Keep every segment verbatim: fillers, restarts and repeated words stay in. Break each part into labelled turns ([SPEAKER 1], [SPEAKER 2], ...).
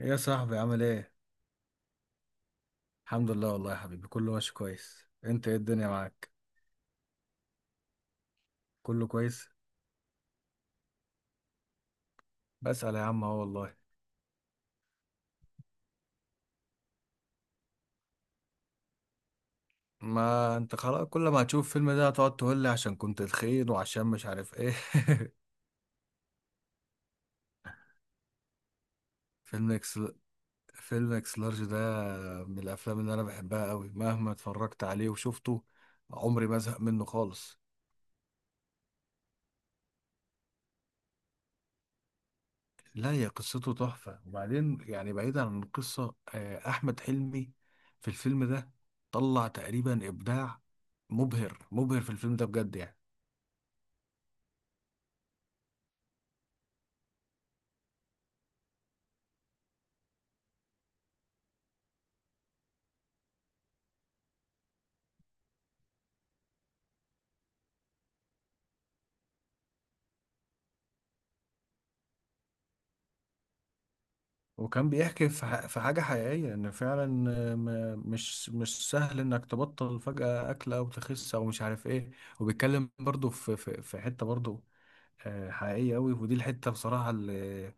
[SPEAKER 1] ايه يا صاحبي عامل ايه؟ الحمد لله والله يا حبيبي، كله ماشي كويس، انت ايه الدنيا معاك؟ كله كويس؟ بسأل يا عم اهو والله. ما انت خلاص، كل ما هتشوف الفيلم ده هتقعد تقول لي عشان كنت تخين وعشان مش عارف ايه. فيلم اكس فيلم اكس لارج ده من الافلام اللي انا بحبها قوي، مهما اتفرجت عليه وشفته عمري ما ازهق منه خالص. لا، هي قصته تحفة، وبعدين يعني بعيدا عن القصة، آه، أحمد حلمي في الفيلم ده طلع تقريبا إبداع. مبهر مبهر في الفيلم ده بجد يعني. وكان بيحكي في ح- في حاجة حقيقية، إن فعلا آه، ما- مش مش سهل إنك تبطل فجأة أكل أو تخس أو مش عارف إيه. وبيتكلم برضه في في في حتة برضه آه، حقيقية أوي، ودي الحتة بصراحة اللي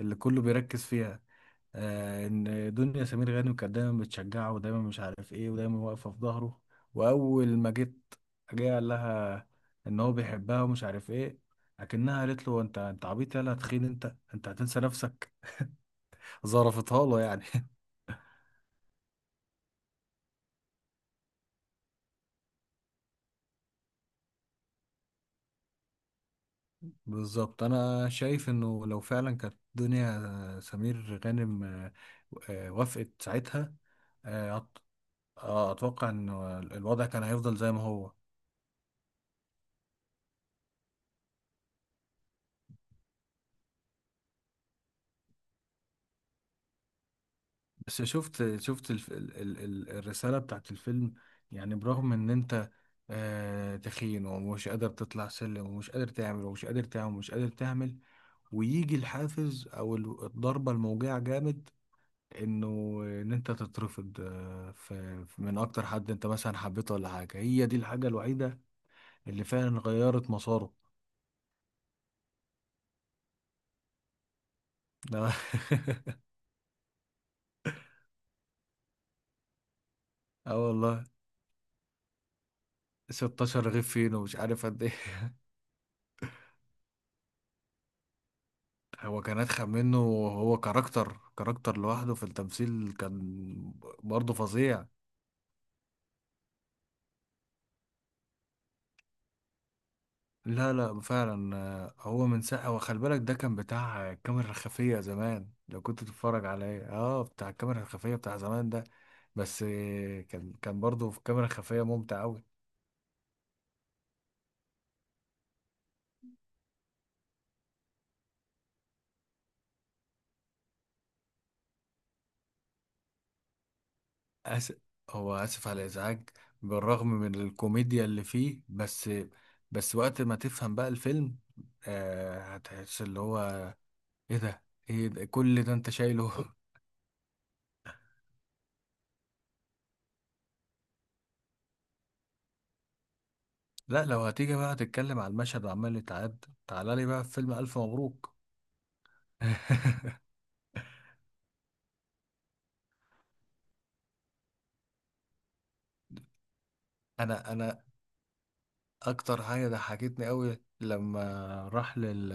[SPEAKER 1] اللي كله بيركز فيها. آه، ان دنيا سمير غانم كانت دايما بتشجعه، ودايما مش عارف ايه، ودايما واقفه في ظهره. واول ما جيت جه قال لها ان هو بيحبها ومش عارف ايه. لكنها قالت له انت انت عبيط، يلا تخين انت انت هتنسى نفسك. ظرفتها له يعني. بالظبط، انا شايف انه لو فعلا كانت دنيا سمير غانم آه، آه، وافقت ساعتها، آه، أت- آه، اتوقع ان الوضع كان هيفضل زي ما هو. بس شفت شفت الف... ال... ال... ال- الرسالة بتاعت الفيلم، يعني برغم ان انت آه تخين ومش قادر تطلع سلم، ومش قادر تعمل، ومش قادر تعمل، ومش قادر تعمل، ويجي الحافز او ال- الضربة الموجعة جامد. انه ان انت تترفض آه، في في- من اكتر حد انت مثلا حبيته ولا حاجة، هي دي الحاجة الوحيدة اللي فعلا غيرت مساره. ده. اه والله، ستاشر رغيف فين ومش عارف قد ايه. هو كان أدخل منه. هو كاركتر، كاركتر لوحده في التمثيل، كان برضه فظيع. لا لا، فعلا آه، هو من ساعة، وخلي بالك ده كان بتاع الكاميرا الخفية زمان، لو كنت تتفرج عليه اه بتاع الكاميرا الخفية بتاع زمان ده. بس آه، كان كان برضه في كاميرا خفية ممتع أوي. أس... هو آسف على الإزعاج، بالرغم من الكوميديا اللي فيه، بس بس وقت ما تفهم بقى الفيلم آه هتحس اللي هو ايه ده، ايه ده، كل ده انت شايله. لا، لو هتيجي بقى تتكلم على المشهد وعمال يتعاد، تعالى لي بقى في فيلم ألف مبروك. انا انا اكتر حاجه ضحكتني قوي لما راح لل...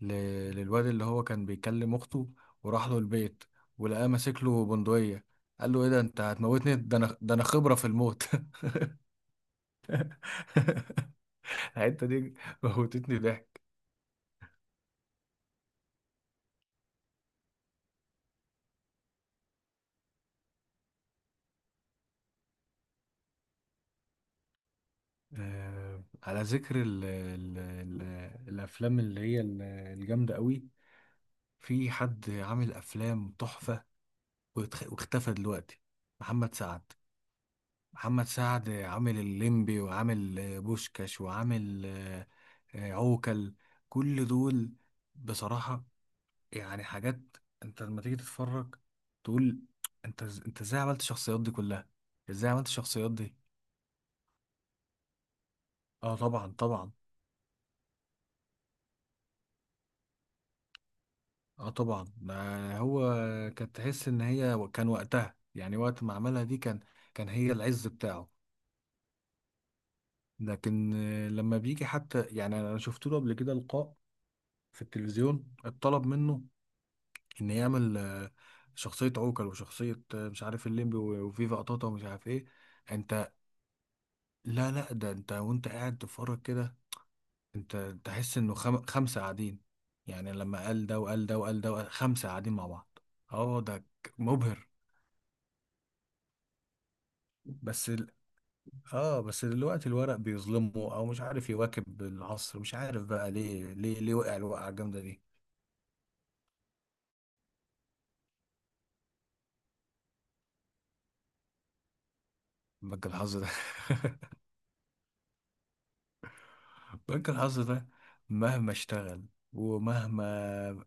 [SPEAKER 1] ل... للواد اللي هو كان بيكلم اخته، وراح له البيت ولقاه ماسك له بندقيه، قال له ايه ده انت هتموتني، ده انا، ده انا خبره في الموت. الحته دي موتتني ضحك. آه، على ذكر ال... ال... ال... الافلام اللي هي ال- الجامده قوي، في حد عامل افلام تحفه واتخ- واختفى دلوقتي. محمد سعد. محمد سعد عامل الليمبي، وعامل آه، بوشكاش، وعامل آه، آه، عوكل. كل دول بصراحة، يعني حاجات انت لما تيجي تتفرج تقول انت إز- انت ازاي عملت الشخصيات دي كلها؟ ازاي عملت الشخصيات دي؟ اه طبعا طبعا. اه طبعا، ما هو كانت تحس ان هي و- كان وقتها، يعني وقت ما عملها دي، كان كان هي العز بتاعه. لكن آه، لما بيجي حتى، يعني انا شفت له قبل كده لقاء في التلفزيون اتطلب منه ان يعمل آه، شخصية عوكل وشخصية آه، مش عارف الليمبي و- وفيفا قطاطا ومش عارف ايه. انت، لا لا، ده انت وانت قاعد تتفرج كده انت تحس انه خم... خمسة قاعدين، يعني لما قال ده وقال ده وقال ده وقال خمسة قاعدين مع بعض. اه ده ك- مبهر. بس ال... اه بس دلوقتي الورق بيظلمه او مش عارف يواكب العصر، مش عارف بقى ليه ليه ليه وقع الوقعة الجامدة دي. بجد. الحظ ده بنك الحظ ده، مهما اشتغل ومهما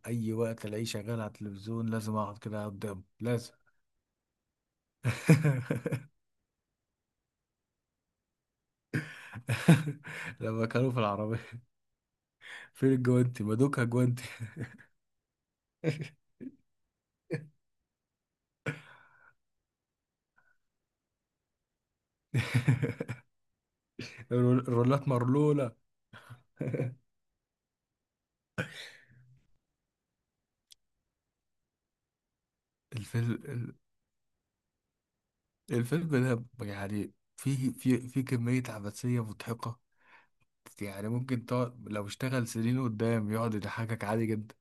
[SPEAKER 1] اي وقت الاقيه شغال على التلفزيون لازم اقعد كده قدامه، لازم. لما كانوا في العربية، فين الجوانتي مدوكها جوانتي. الرولات مرلولة. الفيلم ال- الفيلم ده يعني فيه فيه فيه كمية عبثية مضحكة، يعني ممكن تقعد لو اشتغل سنين قدام يقعد يضحكك عادي جدا.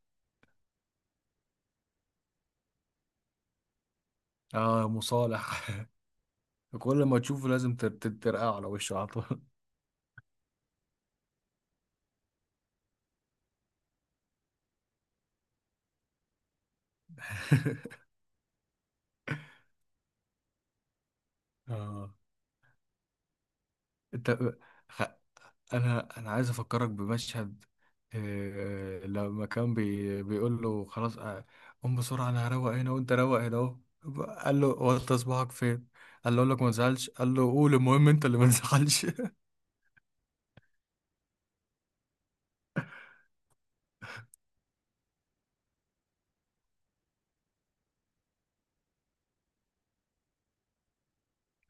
[SPEAKER 1] اه مصالح. كل ما تشوفه لازم تر- تر- ترقع على وشه على طول. اه، انت خ... انا انا عايز افكرك بمشهد، آه، آه، لما كان بي... بيقول له خلاص، آه، قوم بسرعه، انا هروق هنا وانت روق هنا اهو. قال له هو انت صباعك فين؟ قال له اقول لك ما تزعلش، قال له قول المهم انت اللي ما تزعلش.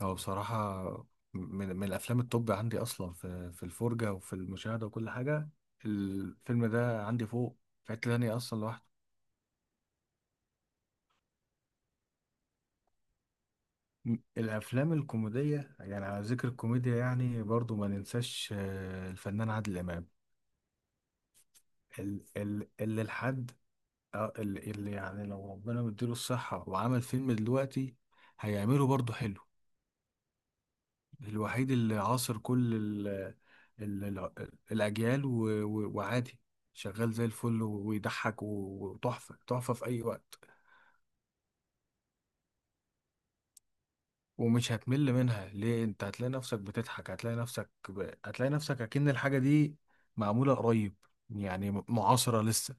[SPEAKER 1] هو بصراحه من, من الافلام التوب عندي اصلا، في في الفرجه وفي المشاهده وكل حاجه. الفيلم ده عندي فوق، في حته تانية اصلا لوحده. م- الافلام الكوميديه، يعني على ذكر الكوميديا، يعني برضو ما ننساش آه، الفنان عادل امام، ال- ال- اللي لحد آه، ال- اللي يعني لو ربنا مديله الصحه وعمل فيلم دلوقتي هيعمله برضو حلو. الوحيد اللي عاصر كل ال ال ال الاجيال و- و- وعادي، شغال زي الفل ويضحك وتحفه تحفه في اي وقت. ومش هتمل منها، ليه؟ انت هتلاقي نفسك بتضحك، هتلاقي نفسك ب... هتلاقي نفسك اكن الحاجة دي معمولة قريب، يعني م- معاصرة لسه.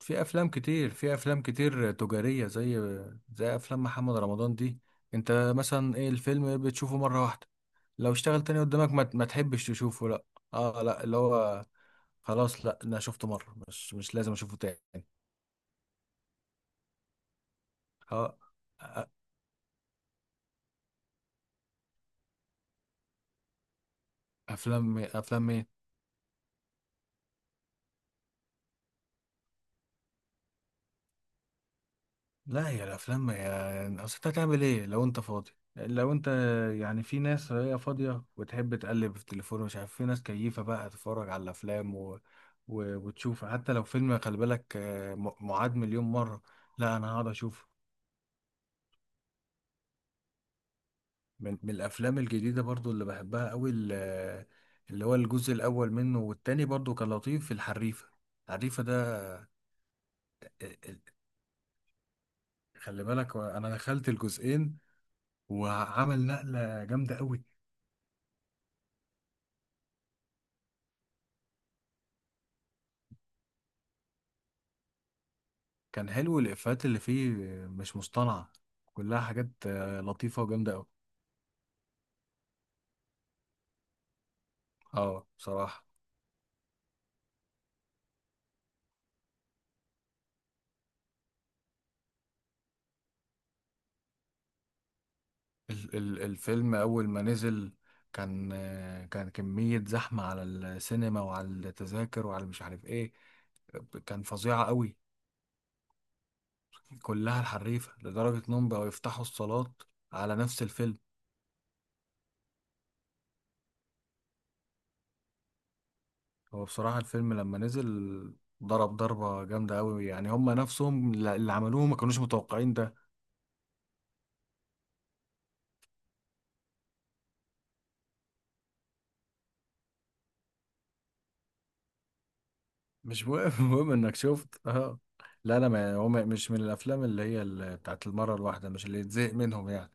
[SPEAKER 1] في افلام كتير في افلام كتير تجارية، زي زي افلام محمد رمضان دي انت مثلا، ايه، الفيلم بتشوفه مرة واحدة، لو اشتغل تاني قدامك ما, ت- ما تحبش تشوفه، لا. اه، لا، اللي هو خلاص، لا انا شفته مرة، مش مش لازم اشوفه تاني. اه افلام افلام مين؟ لا، هي الافلام ما هي، يعني اصل انت هتعمل ايه لو انت فاضي، لو انت يعني، في ناس هي فاضيه وتحب تقلب في التليفون، مش عارف، في ناس كيفه بقى تتفرج على الافلام و... و... وتشوف حتى لو فيلم، خلي بالك آه، م- معاد مليون مره، لا انا هقعد اشوفه. من... من الافلام الجديده برضو اللي بحبها قوي، ال- اللي هو الجزء الاول منه والتاني برضو كان لطيف، في الحريفه. الحريفه ده، آه، آه، خلي بالك انا دخلت الجزئين، وعمل نقله جامده قوي. كان حلو، الإفيهات اللي فيه مش مصطنعة، كلها حاجات آه، لطيفة وجامدة أوي. اه بصراحة، ال ال الفيلم أول ما نزل كان آه، كان كمية زحمة على السينما وعلى التذاكر وعلى مش عارف ايه. كان فظيعة أوي كلها الحريفة، لدرجة إنهم بقوا يفتحوا الصالات على نفس الفيلم. هو بصراحة الفيلم لما نزل ضرب ضربة جامدة أوي، يعني هم نفسهم اللي عملوه ما كانوش متوقعين ده. مش مهم. المهم انك شفت، اه. لا انا ما، يعني هو ما- مش من الافلام اللي هي ال- بتاعت المره الواحده، مش اللي يتزهق منهم يعني.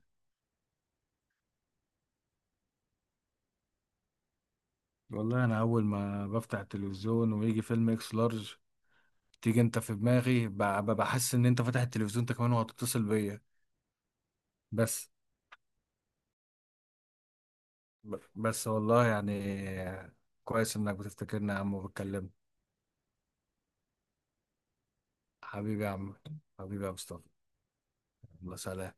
[SPEAKER 1] والله انا اول ما بفتح التلفزيون ويجي فيلم اكس لارج تيجي انت في دماغي، ب- ب- بحس ان انت فاتح التلفزيون انت كمان وهتتصل بيا. بس ب- بس والله يعني كويس انك بتفتكرنا يا عم وبتكلمنا. حبيبي يا عم، حبيبي يا مصطفى. الله سلام.